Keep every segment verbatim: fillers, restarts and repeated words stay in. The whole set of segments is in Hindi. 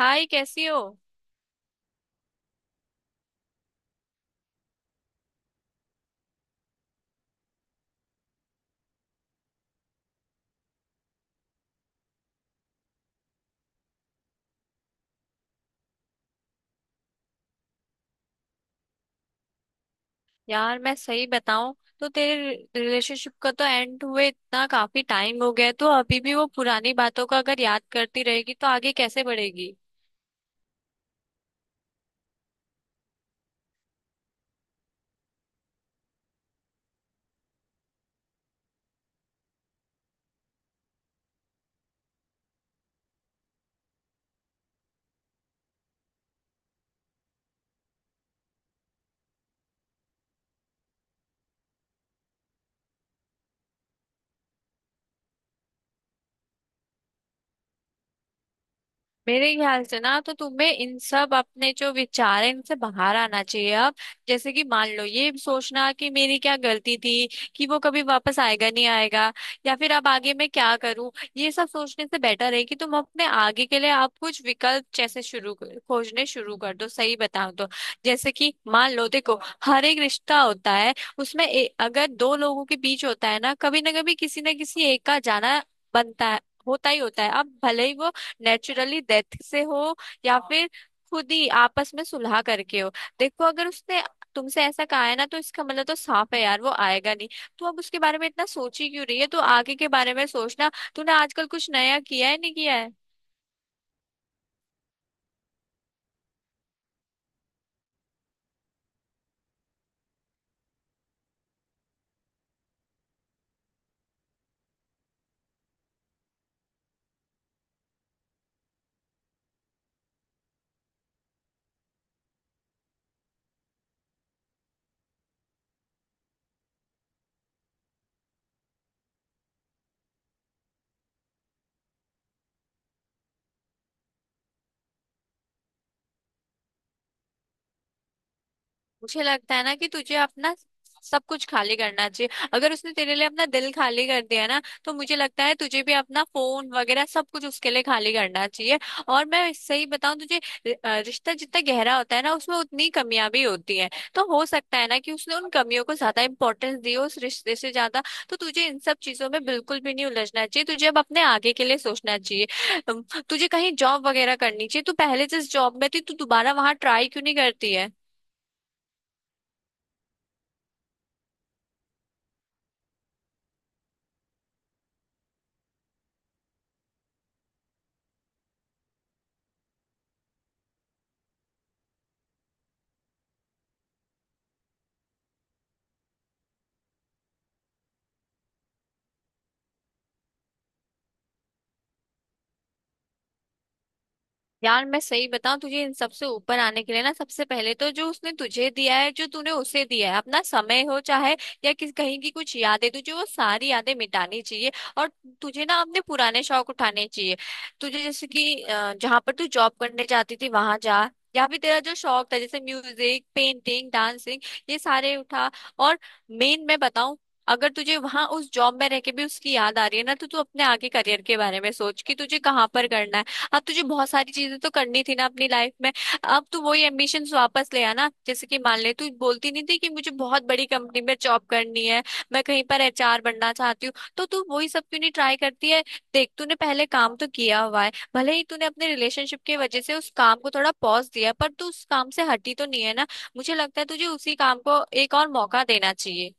हाय, कैसी हो। यार मैं सही बताऊं तो तेरे रिलेशनशिप का तो एंड हुए इतना काफी टाइम हो गया है, तो अभी भी वो पुरानी बातों का अगर याद करती रहेगी तो आगे कैसे बढ़ेगी। मेरे ख्याल से ना तो तुम्हें इन सब अपने जो विचार है इनसे बाहर आना चाहिए अब। जैसे कि मान लो ये सोचना कि मेरी क्या गलती थी, कि वो कभी वापस आएगा नहीं आएगा, या फिर अब आगे मैं क्या करूं, ये सब सोचने से बेटर है कि तुम अपने आगे के लिए आप कुछ विकल्प जैसे शुरू कर- खोजने शुरू कर दो, सही बताऊं तो। जैसे कि मान लो, देखो, हर एक रिश्ता होता है उसमें ए, अगर दो लोगों के बीच होता है ना, कभी ना कभी किसी ना किसी एक का जाना बनता है, होता ही होता है। अब भले ही वो नेचुरली डेथ से हो, या फिर खुद ही आपस में सुलह करके हो। देखो अगर उसने तुमसे ऐसा कहा है ना तो इसका मतलब तो साफ है यार, वो आएगा नहीं। तो अब उसके बारे में इतना सोची क्यों रही है, तो आगे के बारे में सोचना। तूने आजकल कुछ नया किया है नहीं किया है। मुझे लगता है ना कि तुझे अपना सब कुछ खाली करना चाहिए। अगर उसने तेरे लिए अपना दिल खाली कर दिया ना तो मुझे लगता है तुझे भी अपना फोन वगैरह सब कुछ उसके लिए खाली करना चाहिए। और मैं सही बताऊं तुझे, रि- अ, रिश्ता जितना गहरा होता है ना उसमें उतनी कमियां भी होती हैं। तो हो सकता है ना कि उसने उन कमियों को ज्यादा इंपॉर्टेंस दी हो उस रिश्ते से ज्यादा। तो तुझे इन सब चीजों में बिल्कुल भी नहीं उलझना चाहिए, तुझे अब अपने आगे के लिए सोचना चाहिए। अम, तुझे कहीं जॉब वगैरह करनी चाहिए। तू पहले जिस जॉब में थी तू दोबारा वहां ट्राई क्यों नहीं करती है। यार मैं सही बताऊं, तुझे इन सब से ऊपर आने के लिए ना, सबसे पहले तो जो उसने तुझे दिया है, जो तूने उसे दिया है, अपना समय हो चाहे या किस कहीं की कुछ यादें, तुझे वो सारी यादें मिटानी चाहिए। और तुझे ना अपने पुराने शौक उठाने चाहिए। तुझे जैसे कि अ, जहाँ पर तू जॉब करने जाती थी वहां जा। या फिर तेरा जो शौक था जैसे म्यूजिक, पेंटिंग, डांसिंग, ये सारे उठा। और मेन मैं बताऊं, अगर तुझे वहां उस जॉब में रह के भी उसकी याद आ रही है ना, तो तू अपने आगे करियर के बारे में सोच कि तुझे कहाँ पर करना है। अब तुझे बहुत सारी चीजें तो करनी थी ना अपनी लाइफ में। अब तू वही एम्बिशंस वापस ले आना। जैसे कि मान ले, तू बोलती नहीं थी कि मुझे बहुत बड़ी कंपनी में जॉब करनी है, मैं कहीं पर एच आर बनना चाहती हूँ, तो तू वही सब क्यों नहीं ट्राई करती है। देख तूने पहले काम तो किया हुआ है, भले ही तूने अपने रिलेशनशिप की वजह से उस काम को थोड़ा पॉज दिया पर तू उस काम से हटी तो नहीं है ना। मुझे लगता है तुझे उसी काम को एक और मौका देना चाहिए।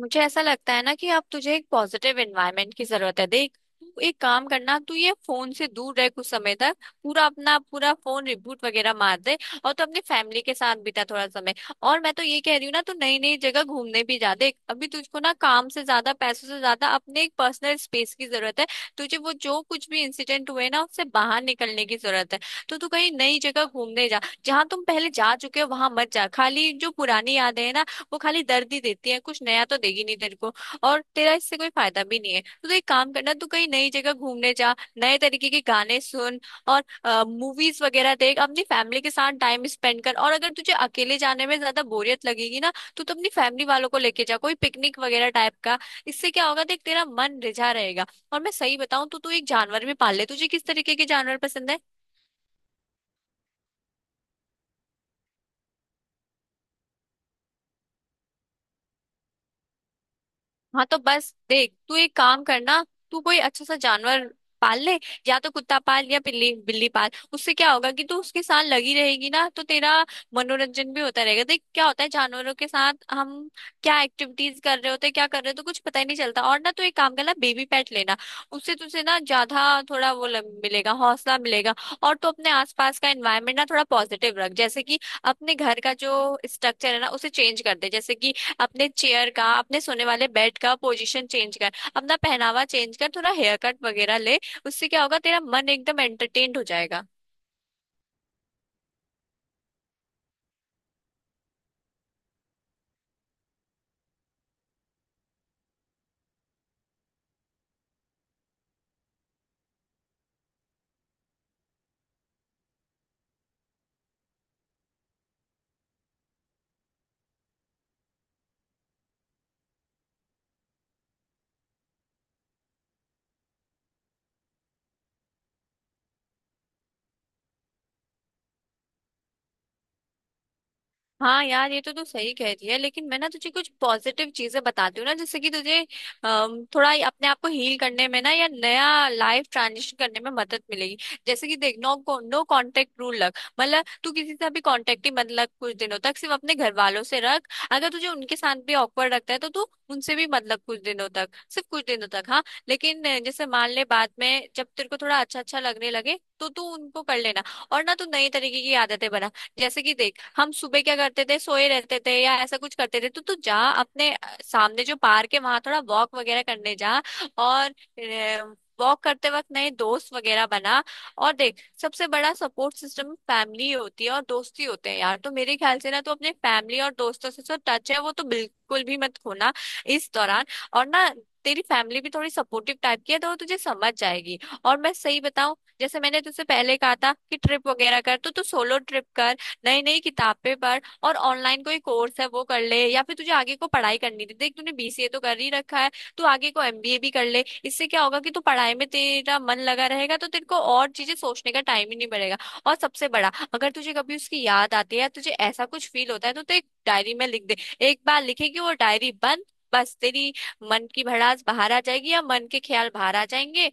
मुझे ऐसा लगता है ना कि अब तुझे एक पॉजिटिव एनवायरनमेंट की जरूरत है। देख, तू एक काम करना, तू ये फोन से दूर रह कुछ समय तक। पूरा अपना पूरा फोन रिबूट वगैरह मार दे। और तू अपनी फैमिली के साथ बिता थोड़ा समय। और मैं तो ये कह रही हूँ ना, तू नई नई जगह घूमने भी जा। देख अभी तुझको ना काम से ज्यादा, पैसों से ज्यादा, अपने एक पर्सनल स्पेस की जरूरत है। तुझे वो जो कुछ भी इंसिडेंट हुए ना उससे बाहर निकलने की जरूरत है। तो तू कहीं नई जगह घूमने जा। जहाँ तुम पहले जा चुके हो वहां मत जा, खाली जो पुरानी यादें हैं ना वो खाली दर्द ही देती है, कुछ नया तो देगी नहीं तेरे को। और तेरा इससे कोई फायदा भी नहीं है। तो तू एक काम करना, तू कहीं नई जगह घूमने जा, नए तरीके के गाने सुन, और मूवीज वगैरह देख, अपनी फैमिली के साथ टाइम स्पेंड कर। और अगर तुझे अकेले जाने में ज्यादा बोरियत लगेगी ना, तो तू तो अपनी फैमिली वालों को लेके जा, कोई पिकनिक वगैरह टाइप का। इससे क्या होगा, देख तेरा मन रिझा रहेगा। और मैं सही बताऊं तो तू तो एक जानवर भी पाल ले। तुझे किस तरीके के जानवर पसंद है। हाँ, तो बस देख, तू एक काम करना, तू कोई अच्छा सा जानवर पाल ले। या तो कुत्ता पाल या बिल्ली, बिल्ली पाल। उससे क्या होगा कि तू उसके साथ लगी रहेगी ना तो तेरा मनोरंजन भी होता रहेगा। देख क्या होता है जानवरों के साथ, हम क्या एक्टिविटीज कर रहे होते हैं, क्या कर रहे होते हैं, तो कुछ पता ही नहीं चलता। और ना तू एक काम करना, बेबी पेट लेना। उससे तुझे ना ज्यादा थोड़ा वो ल- मिलेगा, हौसला मिलेगा। और तू अपने आसपास का एनवायरमेंट ना थोड़ा पॉजिटिव रख। जैसे कि अपने घर का जो स्ट्रक्चर है ना उसे चेंज कर दे। जैसे कि अपने चेयर का, अपने सोने वाले बेड का पोजीशन चेंज कर, अपना पहनावा चेंज कर, थोड़ा हेयर कट वगैरह ले। उससे क्या होगा, तेरा मन एकदम एंटरटेन्ड हो जाएगा। हाँ यार ये तो तू सही कह रही है, लेकिन मैं ना तुझे कुछ पॉजिटिव चीजें बताती हूँ ना, जैसे कि तुझे अम, थोड़ा ये अपने आप को हील करने में ना या नया लाइफ ट्रांजिशन करने में मदद मिलेगी। जैसे कि देख, नो नो कांटेक्ट रूल रख, मतलब तू किसी से भी कांटेक्ट ही मत रख कुछ दिनों तक। सिर्फ अपने घर वालों से रख, अगर तुझे उनके साथ भी ऑकवर्ड लगता है तो तू उनसे भी मत रख कुछ दिनों तक, सिर्फ कुछ दिनों तक, हाँ। लेकिन अ, जैसे मान ले, बाद में जब तेरे को थोड़ा अच्छा अच्छा लगने लगे तो तू उनको कर लेना। और ना तू नई तरीके की आदतें बना। जैसे कि देख, हम सुबह क्या करते थे, सोए रहते थे या ऐसा कुछ करते थे, तो तू जा अपने अ, सामने जो पार्क है वहां थोड़ा वॉक वगैरह करने जा। और वॉक करते वक्त नए दोस्त वगैरह बना। और देख सबसे बड़ा सपोर्ट सिस्टम फैमिली होती है और दोस्ती होते हैं यार। तो मेरे ख्याल से ना, तो अपने फैमिली और दोस्तों से जो टच है वो तो बिल्कुल भी मत खोना इस दौरान। और ना, तेरी फैमिली भी थोड़ी सपोर्टिव टाइप की है तो वो तुझे समझ जाएगी। और मैं सही बताऊं, जैसे मैंने तुझसे पहले कहा था कि ट्रिप वगैरह कर, तो तू सोलो ट्रिप कर, नई नई किताबें पढ़, और ऑनलाइन कोई कोर्स है वो कर ले। या फिर तुझे आगे को पढ़ाई करनी थी, देख तूने बी सी ए तो कर ही रखा है, तू आगे को एम बी ए भी कर ले। इससे क्या होगा कि तू पढ़ाई में, तेरा मन लगा रहेगा तो तेरे को और चीजें सोचने का टाइम ही नहीं पड़ेगा। और सबसे बड़ा, अगर तुझे कभी उसकी याद आती है या तुझे ऐसा कुछ फील होता है तो तू एक डायरी में लिख दे। एक बार लिखेगी वो डायरी बंद, बस तेरी मन की भड़ास बाहर आ जाएगी या मन के ख्याल बाहर आ जाएंगे,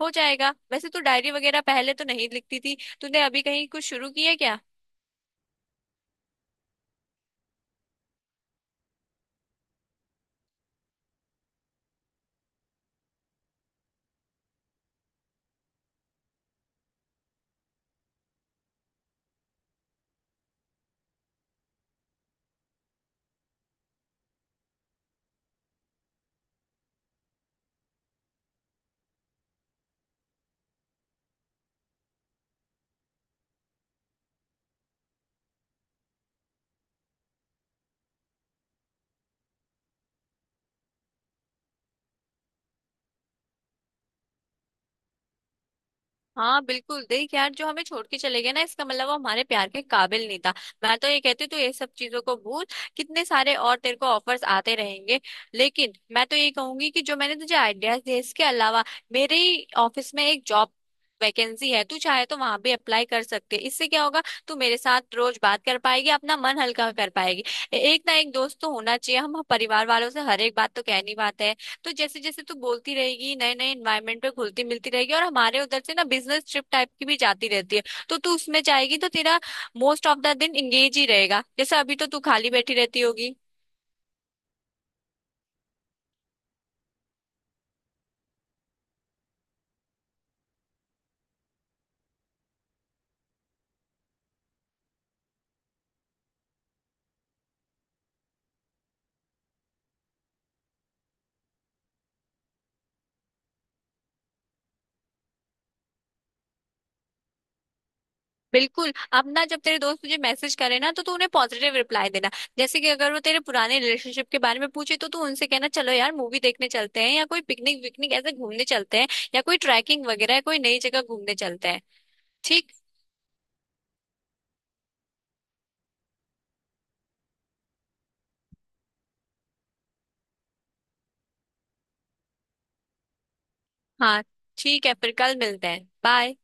हो जाएगा। वैसे तू डायरी वगैरह पहले तो नहीं लिखती थी, तूने अभी कहीं कुछ शुरू किया क्या। हाँ बिल्कुल। देख यार जो हमें छोड़ के चले गए ना, इसका मतलब वो हमारे प्यार के काबिल नहीं था। मैं तो ये कहती हूँ तू ये सब चीजों को भूल, कितने सारे और तेरे को ऑफर्स आते रहेंगे। लेकिन मैं तो ये कहूंगी कि जो मैंने तुझे आइडियाज दिए इसके अलावा, मेरे ही ऑफिस में एक जॉब वैकेंसी है, तू चाहे तो वहां भी अप्लाई कर सकती है। इससे क्या होगा, तू मेरे साथ रोज बात कर पाएगी, अपना मन हल्का कर पाएगी। ए- एक ना एक दोस्त तो होना चाहिए, हम परिवार वालों से हर एक बात तो कह नहीं पाते हैं। तो जैसे जैसे तू बोलती रहेगी, नए नए एनवायरनमेंट पे घुलती मिलती रहेगी, और हमारे उधर से ना बिजनेस ट्रिप टाइप की भी जाती रहती है, तो तू उसमें जाएगी तो तेरा मोस्ट ऑफ द दिन इंगेज ही रहेगा, जैसे अभी तो तू खाली बैठी रहती होगी। बिल्कुल। अब ना जब तेरे दोस्त तुझे मैसेज करे ना तो तू उन्हें पॉजिटिव रिप्लाई देना। जैसे कि अगर वो तेरे पुराने रिलेशनशिप के बारे में पूछे तो तू उनसे कहना चलो यार मूवी देखने चलते हैं, या कोई पिकनिक विकनिक ऐसे घूमने चलते हैं, या कोई ट्रैकिंग वगैरह कोई नई जगह घूमने चलते हैं। ठीक। हाँ, ठीक है फिर, कल मिलते हैं, बाय।